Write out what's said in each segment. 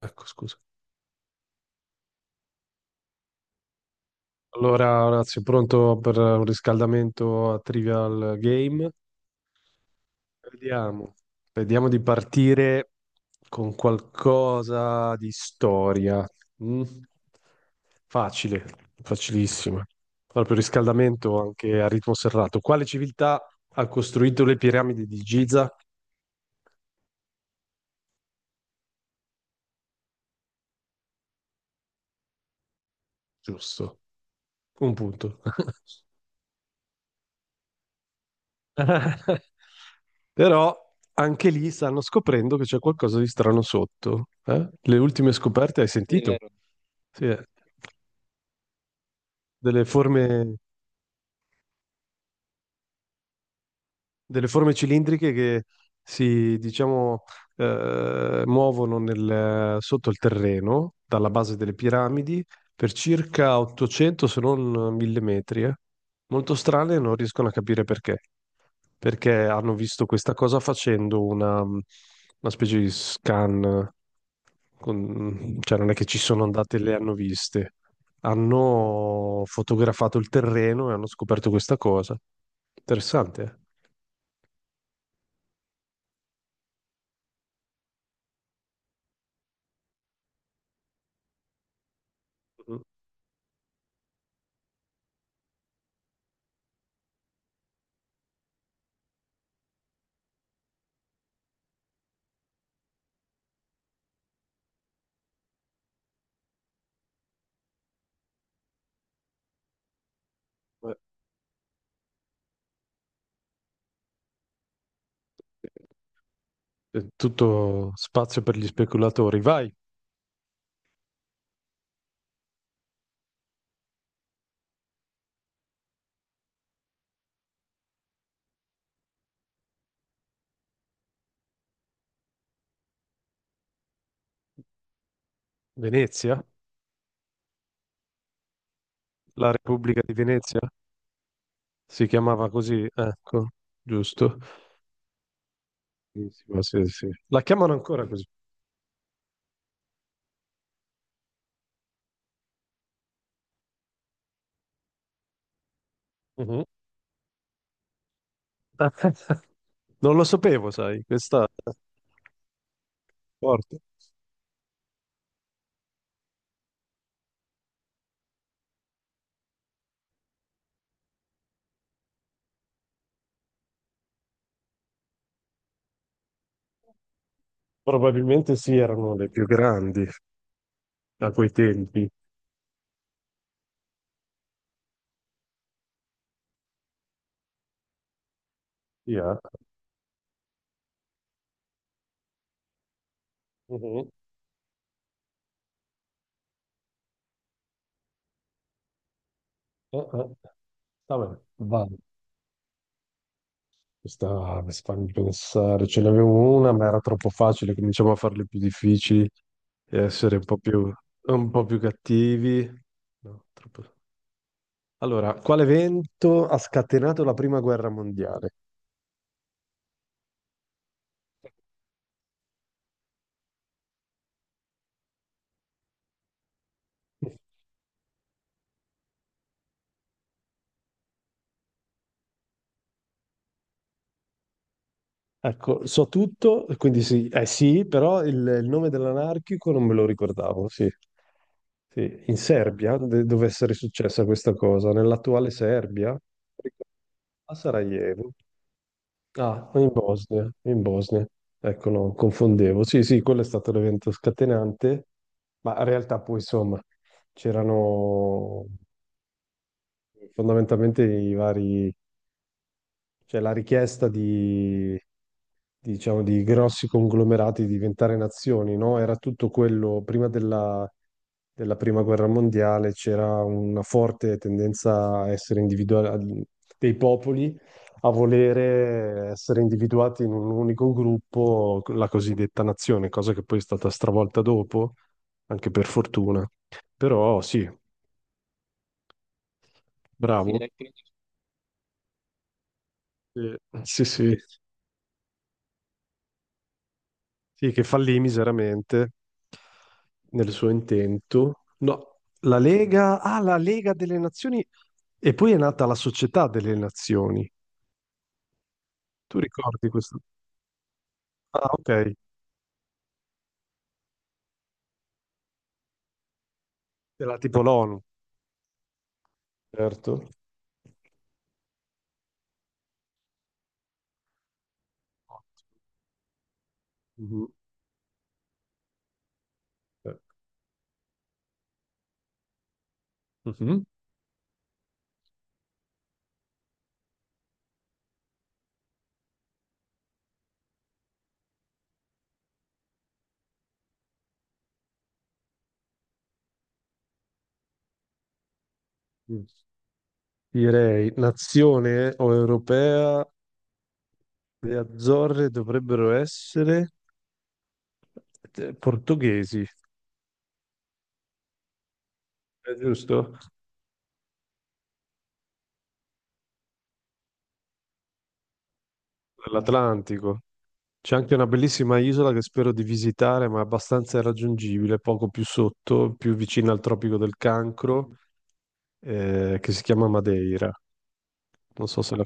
Ecco, scusa. Allora, Orazio, pronto per un riscaldamento a Trivial Game? Vediamo. Vediamo di partire con qualcosa di storia. Mm? Facile, facilissima. Proprio riscaldamento anche a ritmo serrato. Quale civiltà ha costruito le piramidi di Giza? Giusto, un punto. Però anche lì stanno scoprendo che c'è qualcosa di strano sotto. Eh? Le ultime scoperte hai sì, è sentito? Vero. Sì, eh. Delle forme. Delle forme cilindriche che si, diciamo, muovono sotto il terreno, dalla base delle piramidi, per circa 800 se non 1000 metri. Eh. Molto strane, e non riescono a capire perché. Perché hanno visto questa cosa facendo una specie di scan, cioè non è che ci sono andate e le hanno viste. Hanno fotografato il terreno e hanno scoperto questa cosa. Interessante, eh? Eh, Tutto spazio per gli speculatori. Vai, Venezia, la Repubblica di Venezia si chiamava così, ecco, giusto? Benissimo, sì, sì. La chiamano ancora così. Mhm. Non lo sapevo, sai, questa è forte. Probabilmente sì, erano le più grandi a quei tempi. Sì, eh. Mhm. Eh. Va bene, vai. Questa mi fa pensare, ce n'avevo una, ma era troppo facile, cominciamo a farle più difficili, e essere un po' più cattivi. No, troppo- Allora, quale evento ha scatenato la prima guerra mondiale? Ecco, so tutto, quindi sì, eh sì, però il nome dell'anarchico non me lo ricordavo, sì. Sì, in Serbia dove essere successa questa cosa, nell'attuale Serbia, a Sarajevo. Ah, in Bosnia, in Bosnia. Ecco, no, confondevo. Sì, sì, quello è stato l'evento scatenante. Ma in realtà poi insomma c'erano fondamentalmente i vari, cioè la richiesta di, diciamo, di grossi conglomerati di diventare nazioni, no? Era tutto quello, prima della prima guerra mondiale c'era una forte tendenza a essere individuali, dei popoli a volere essere individuati in un unico gruppo, la cosiddetta nazione, cosa che poi è stata stravolta dopo, anche per fortuna. Però sì, sì, bravo. Eh, Sì, sì, sì, che fallì miseramente nel suo intento. No, la Lega, la Lega delle Nazioni e poi è nata la Società delle Nazioni. Tu ricordi questo? Ah, ok, era tipo l'ONU. Certo. Mhm. Eh, mhm. Mm. Direi, nazione o europea, le Azzorre dovrebbero essere portoghesi, è giusto? Dell'Atlantico. C'è anche una bellissima isola che spero di visitare, ma è abbastanza irraggiungibile, poco più sotto, più vicina al Tropico del Cancro, che si chiama Madeira. Non so se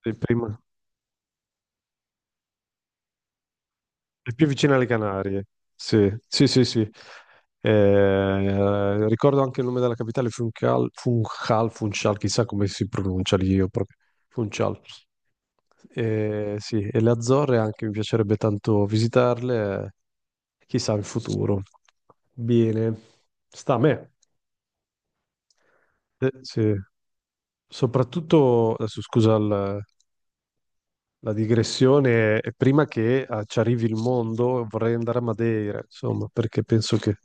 è prima- è più vicina alle Canarie. Sì, sì, sì, sì. Ricordo anche il nome della capitale, Funchal, Funchal, Funchal, chissà come si pronuncia lì, io proprio. Funchal. E, sì, e le Azzorre anche mi piacerebbe tanto visitarle, chissà in futuro. Bene, sta a me. Sì. Soprattutto, adesso scusa la digressione, prima che ci arrivi il mondo vorrei andare a Madeira, insomma, perché penso che,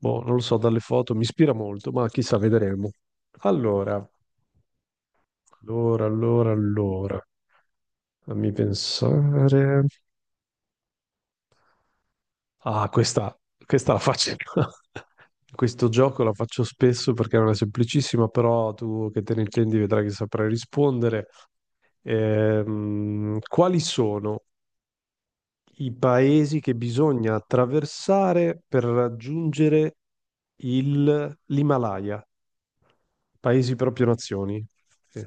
boh, non lo so, dalle foto mi ispira molto, ma chissà, vedremo. Allora, allora, fammi pensare. Ah, questa la faccio. Questo gioco la faccio spesso perché è una semplicissima, però tu che te ne intendi vedrai che saprai rispondere. Quali sono i paesi che bisogna attraversare per raggiungere l'Himalaya? Paesi proprio nazioni. Sì.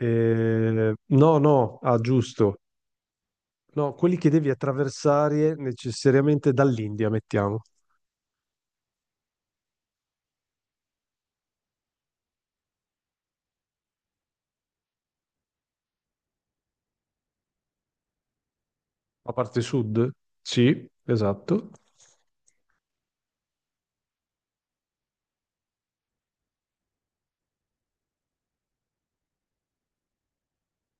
No, no, ah, giusto. No, quelli che devi attraversare necessariamente dall'India, mettiamo. La parte sud? Sì, esatto.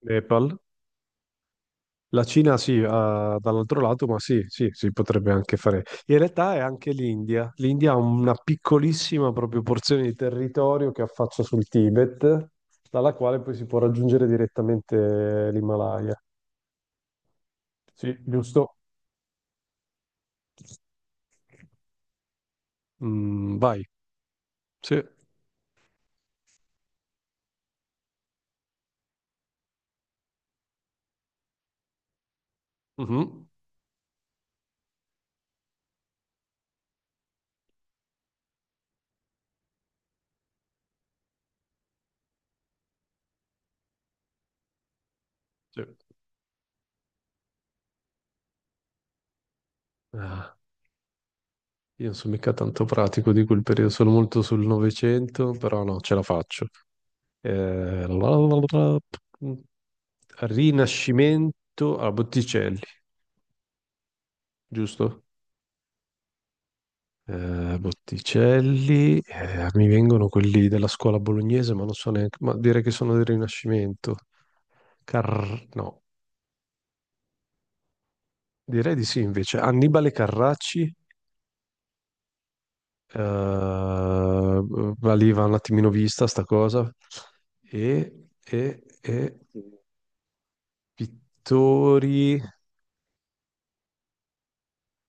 Nepal. La Cina sì, ah, dall'altro lato, ma sì, sì, si potrebbe anche fare. In realtà è anche l'India. L'India ha una piccolissima proprio porzione di territorio che affaccia sul Tibet, dalla quale poi si può raggiungere direttamente l'Himalaya. Sì, giusto. Mm, vai. Sì. Mhm. Sì. Ah, io non sono mica tanto pratico di quel periodo, sono molto sul Novecento, però no, ce la faccio. Eh, la- la- la- la- Rinascimento a Botticelli, giusto? Botticelli, mi vengono quelli della scuola bolognese, ma non so neanche, ma direi che sono del Rinascimento. Car- no, direi di sì invece. Annibale Carracci, eh, valiva un attimino vista sta cosa, e, e, e pittori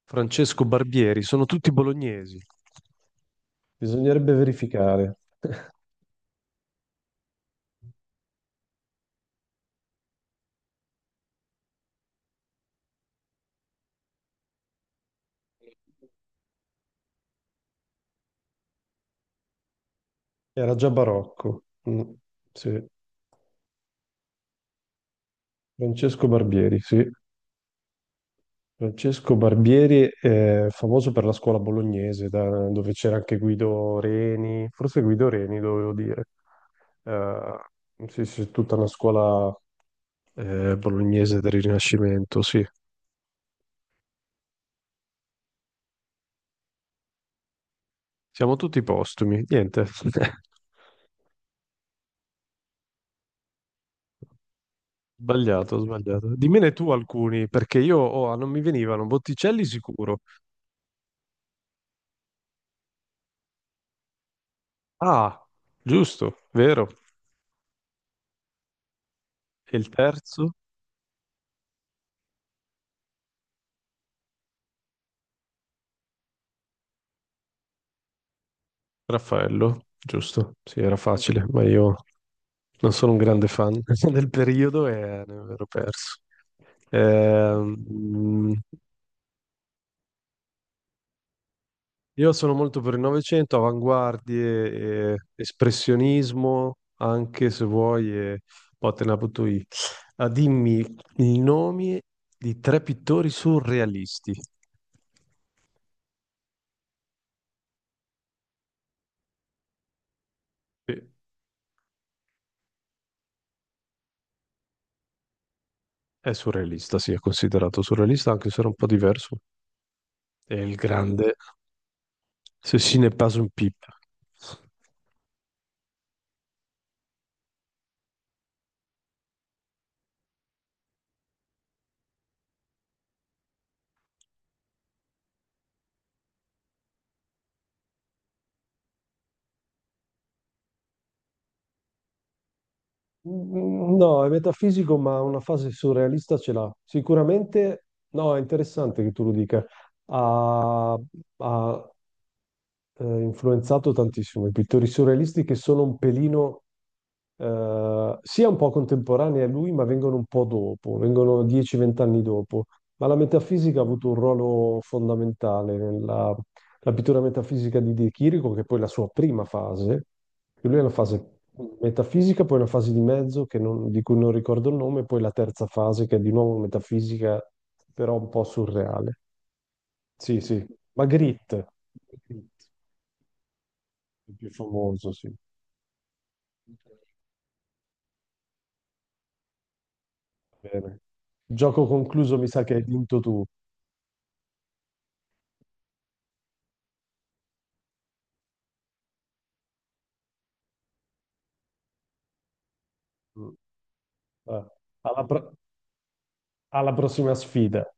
Francesco Barbieri, sono tutti bolognesi. Bisognerebbe verificare. Era già barocco. Mm, sì. Francesco Barbieri, sì. Francesco Barbieri è famoso per la scuola bolognese, dove c'era anche Guido Reni, forse Guido Reni dovevo dire. Eh, sì, sì, tutta una scuola bolognese del Rinascimento, sì. Siamo tutti postumi, niente. Sbagliato, sbagliato. Dimmene tu alcuni, perché io oh, ah, non mi venivano. Botticelli sicuro. Ah, giusto, vero. E il terzo? Raffaello, giusto? Sì, era facile, ma io non sono un grande fan del periodo e ne ero perso. Ehm, io sono molto per il Novecento, avanguardie, e espressionismo, anche se vuoi, e poi te la butto io. Ah, dimmi i nomi di tre pittori surrealisti. Sì, è surrealista, sì, è considerato surrealista, anche se era un po' diverso. È il grande Ceci n'est pas une pipe. Mm, no, è metafisico, ma una fase surrealista ce l'ha. Sicuramente, no, è interessante che tu lo dica. Ha, ha influenzato tantissimo i pittori surrealisti che sono un pelino sia un po' contemporanei a lui, ma vengono un po' dopo, vengono 10-20 anni dopo. Ma la metafisica ha avuto un ruolo fondamentale nella la pittura metafisica di De Chirico, che è poi la sua prima fase, che lui è una fase metafisica, poi una fase di mezzo che non- di cui non ricordo il nome, poi la terza fase che è di nuovo metafisica, però un po' surreale. Sì, sì. Magritte, Magritte, il più famoso, sì. Bene. Gioco concluso, mi sa che hai vinto tu. Mm. Eh, Alla, pro- alla prossima sfida.